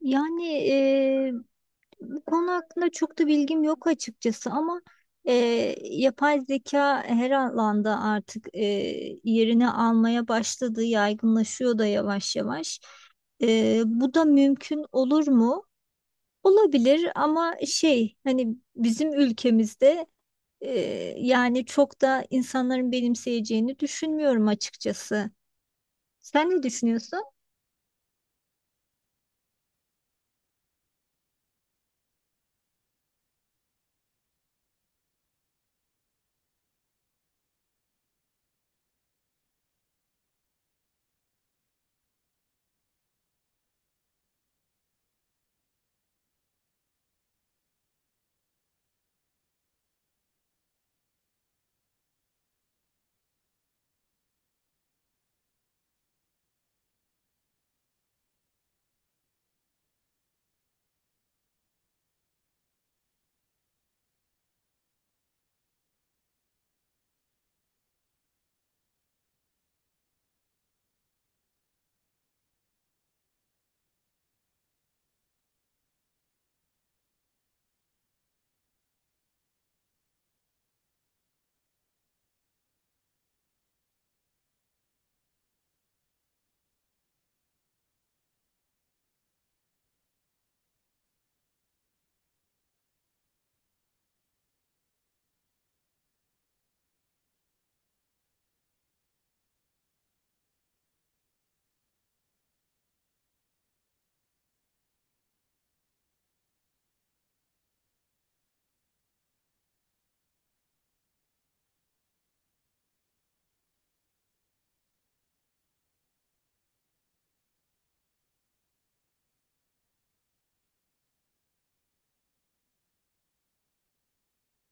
Yani eee, bu konu hakkında çok da bilgim yok açıkçası ama yapay zeka her alanda artık yerini almaya başladı, yaygınlaşıyor da yavaş yavaş. Bu da mümkün olur mu? Olabilir ama şey hani bizim ülkemizde yani çok da insanların benimseyeceğini düşünmüyorum açıkçası. Sen ne düşünüyorsun?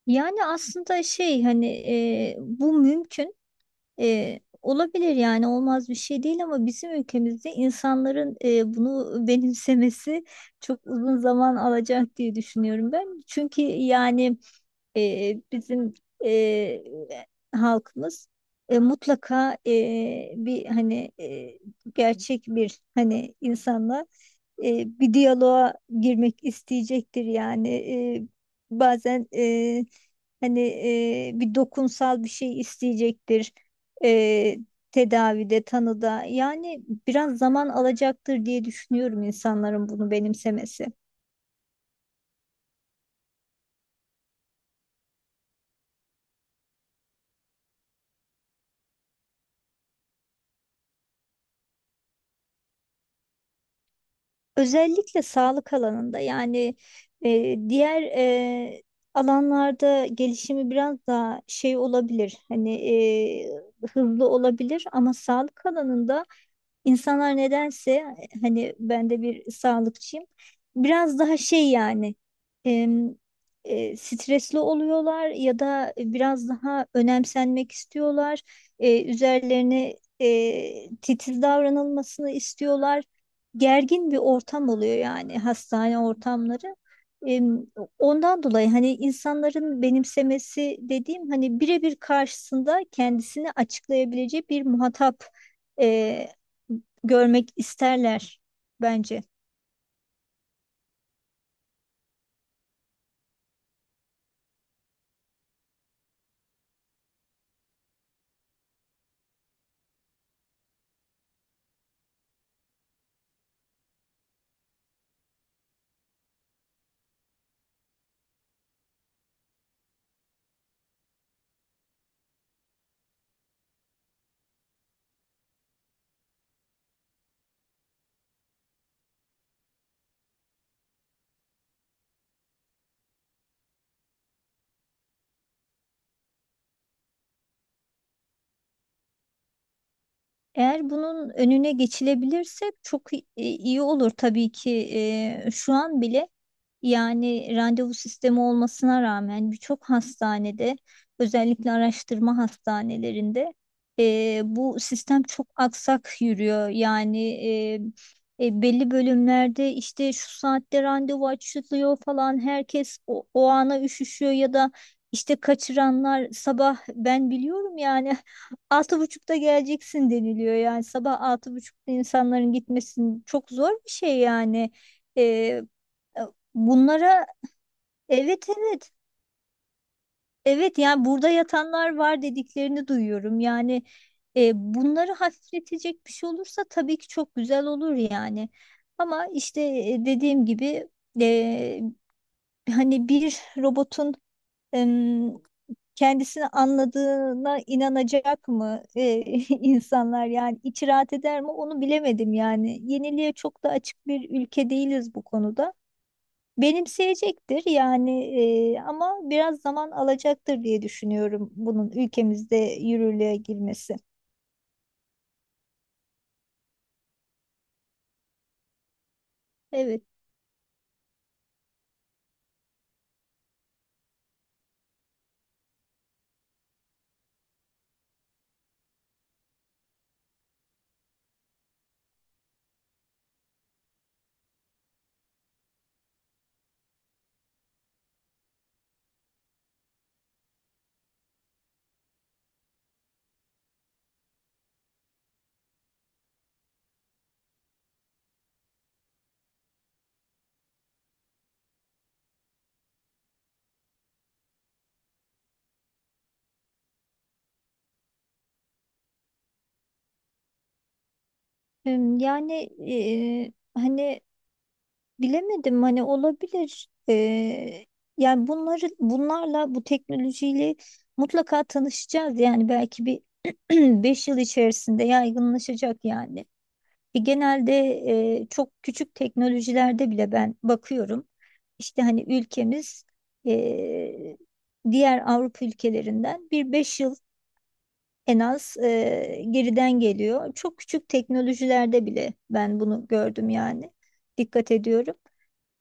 Yani aslında şey hani bu mümkün. Olabilir yani olmaz bir şey değil ama bizim ülkemizde insanların bunu benimsemesi çok uzun zaman alacak diye düşünüyorum ben. Çünkü yani bizim e, halkımız mutlaka bir hani gerçek bir hani insanla bir diyaloğa girmek isteyecektir yani. Bazen hani bir dokunsal bir şey isteyecektir e, tedavide tanıda yani biraz zaman alacaktır diye düşünüyorum insanların bunu benimsemesi. Özellikle sağlık alanında yani diğer alanlarda gelişimi biraz daha şey olabilir hani hızlı olabilir ama sağlık alanında İnsanlar nedense hani ben de bir sağlıkçıyım. Biraz daha şey yani em, stresli oluyorlar ya da biraz daha önemsenmek istiyorlar. Üzerlerine titiz davranılmasını istiyorlar. Gergin bir ortam oluyor yani hastane ortamları. Em, Ondan dolayı hani insanların benimsemesi dediğim hani birebir karşısında kendisini açıklayabileceği bir muhatap e, görmek isterler bence. Eğer bunun önüne geçilebilirse çok iyi olur tabii ki. Şu an bile yani randevu sistemi olmasına rağmen birçok hastanede özellikle araştırma hastanelerinde bu sistem çok aksak yürüyor. Yani belli bölümlerde işte şu saatte randevu açılıyor falan herkes o ana üşüşüyor ya da işte kaçıranlar sabah ben biliyorum yani 6.30'da geleceksin deniliyor. Yani sabah 6.30'da insanların gitmesinin çok zor bir şey yani. Ee, Bunlara evet, evet, evet. Yani burada yatanlar var dediklerini duyuyorum. Yani bunları hafifletecek bir şey olursa tabii ki çok güzel olur yani. Ama işte dediğim gibi e, hani bir robotun kendisini anladığına inanacak mı insanlar, yani içi rahat eder mi onu bilemedim yani. Yeniliğe çok da açık bir ülke değiliz bu konuda. Benimseyecektir yani ama biraz zaman alacaktır diye düşünüyorum bunun ülkemizde yürürlüğe girmesi. Evet. Yani e, hani bilemedim, hani olabilir. Yani bunlarla bu teknolojiyle mutlaka tanışacağız. Yani belki bir 5 yıl içerisinde yaygınlaşacak yani. Genelde çok küçük teknolojilerde bile ben bakıyorum. İşte hani ülkemiz e, diğer Avrupa ülkelerinden bir 5 yıl en az geriden geliyor. Çok küçük teknolojilerde bile ben bunu gördüm yani. Dikkat ediyorum.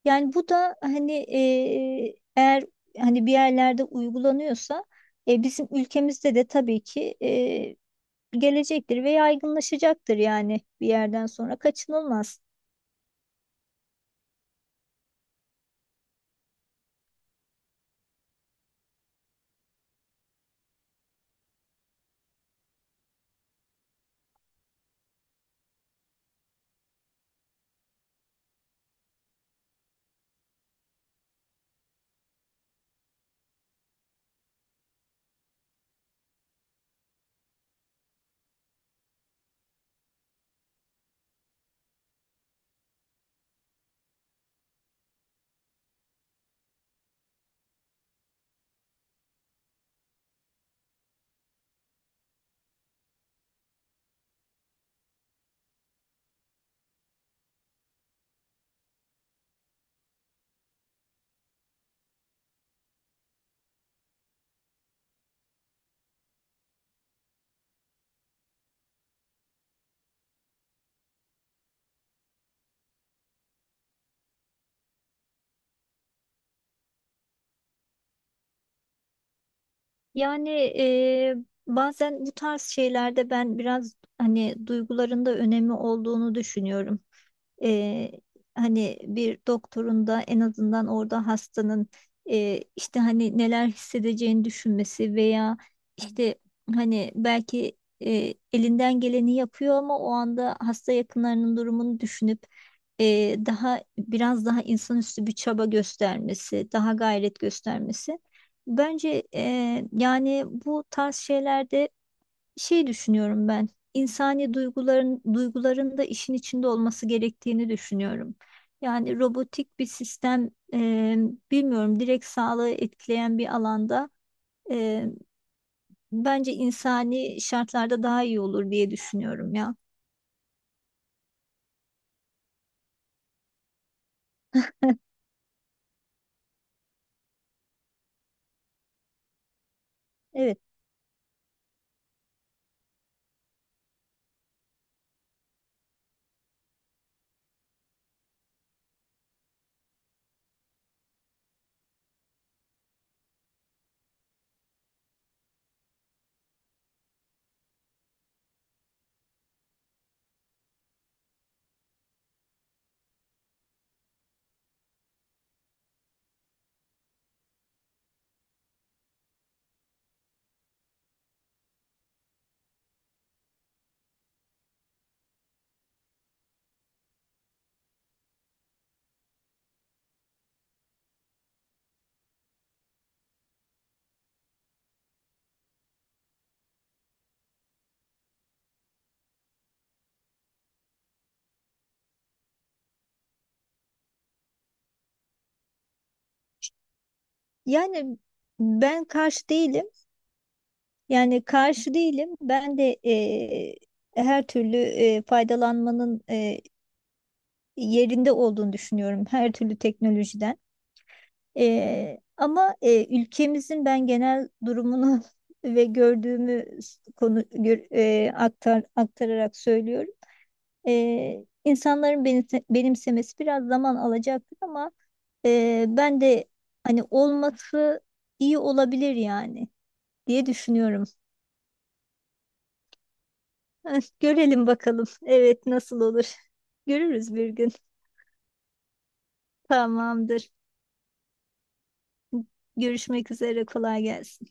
Yani bu da hani eğer hani bir yerlerde uygulanıyorsa bizim ülkemizde de tabii ki gelecektir ve yaygınlaşacaktır yani bir yerden sonra kaçınılmaz. Yani bazen bu tarz şeylerde ben biraz hani duyguların da önemi olduğunu düşünüyorum. Eee, Hani bir doktorun da en azından orada hastanın işte hani neler hissedeceğini düşünmesi veya işte hani belki elinden geleni yapıyor ama o anda hasta yakınlarının durumunu düşünüp, daha biraz daha insanüstü bir çaba göstermesi, daha gayret göstermesi. Bence yani bu tarz şeylerde şey düşünüyorum ben. İnsani duyguların da işin içinde olması gerektiğini düşünüyorum. Yani robotik bir sistem, bilmiyorum, direkt sağlığı etkileyen bir alanda e, bence insani şartlarda daha iyi olur diye düşünüyorum ya. Evet. Yani ben karşı değilim. Yani karşı değilim. Ben de her türlü faydalanmanın yerinde olduğunu düşünüyorum. Her türlü teknolojiden. Ama ülkemizin ben genel durumunu ve gördüğümü s- konu gör- e, aktar, aktararak söylüyorum. İnsanların benimsemesi biraz zaman alacaktır ama ben de hani olması iyi olabilir yani diye düşünüyorum. Görelim bakalım. Evet, nasıl olur? Görürüz bir gün. Tamamdır. Görüşmek üzere. Kolay gelsin.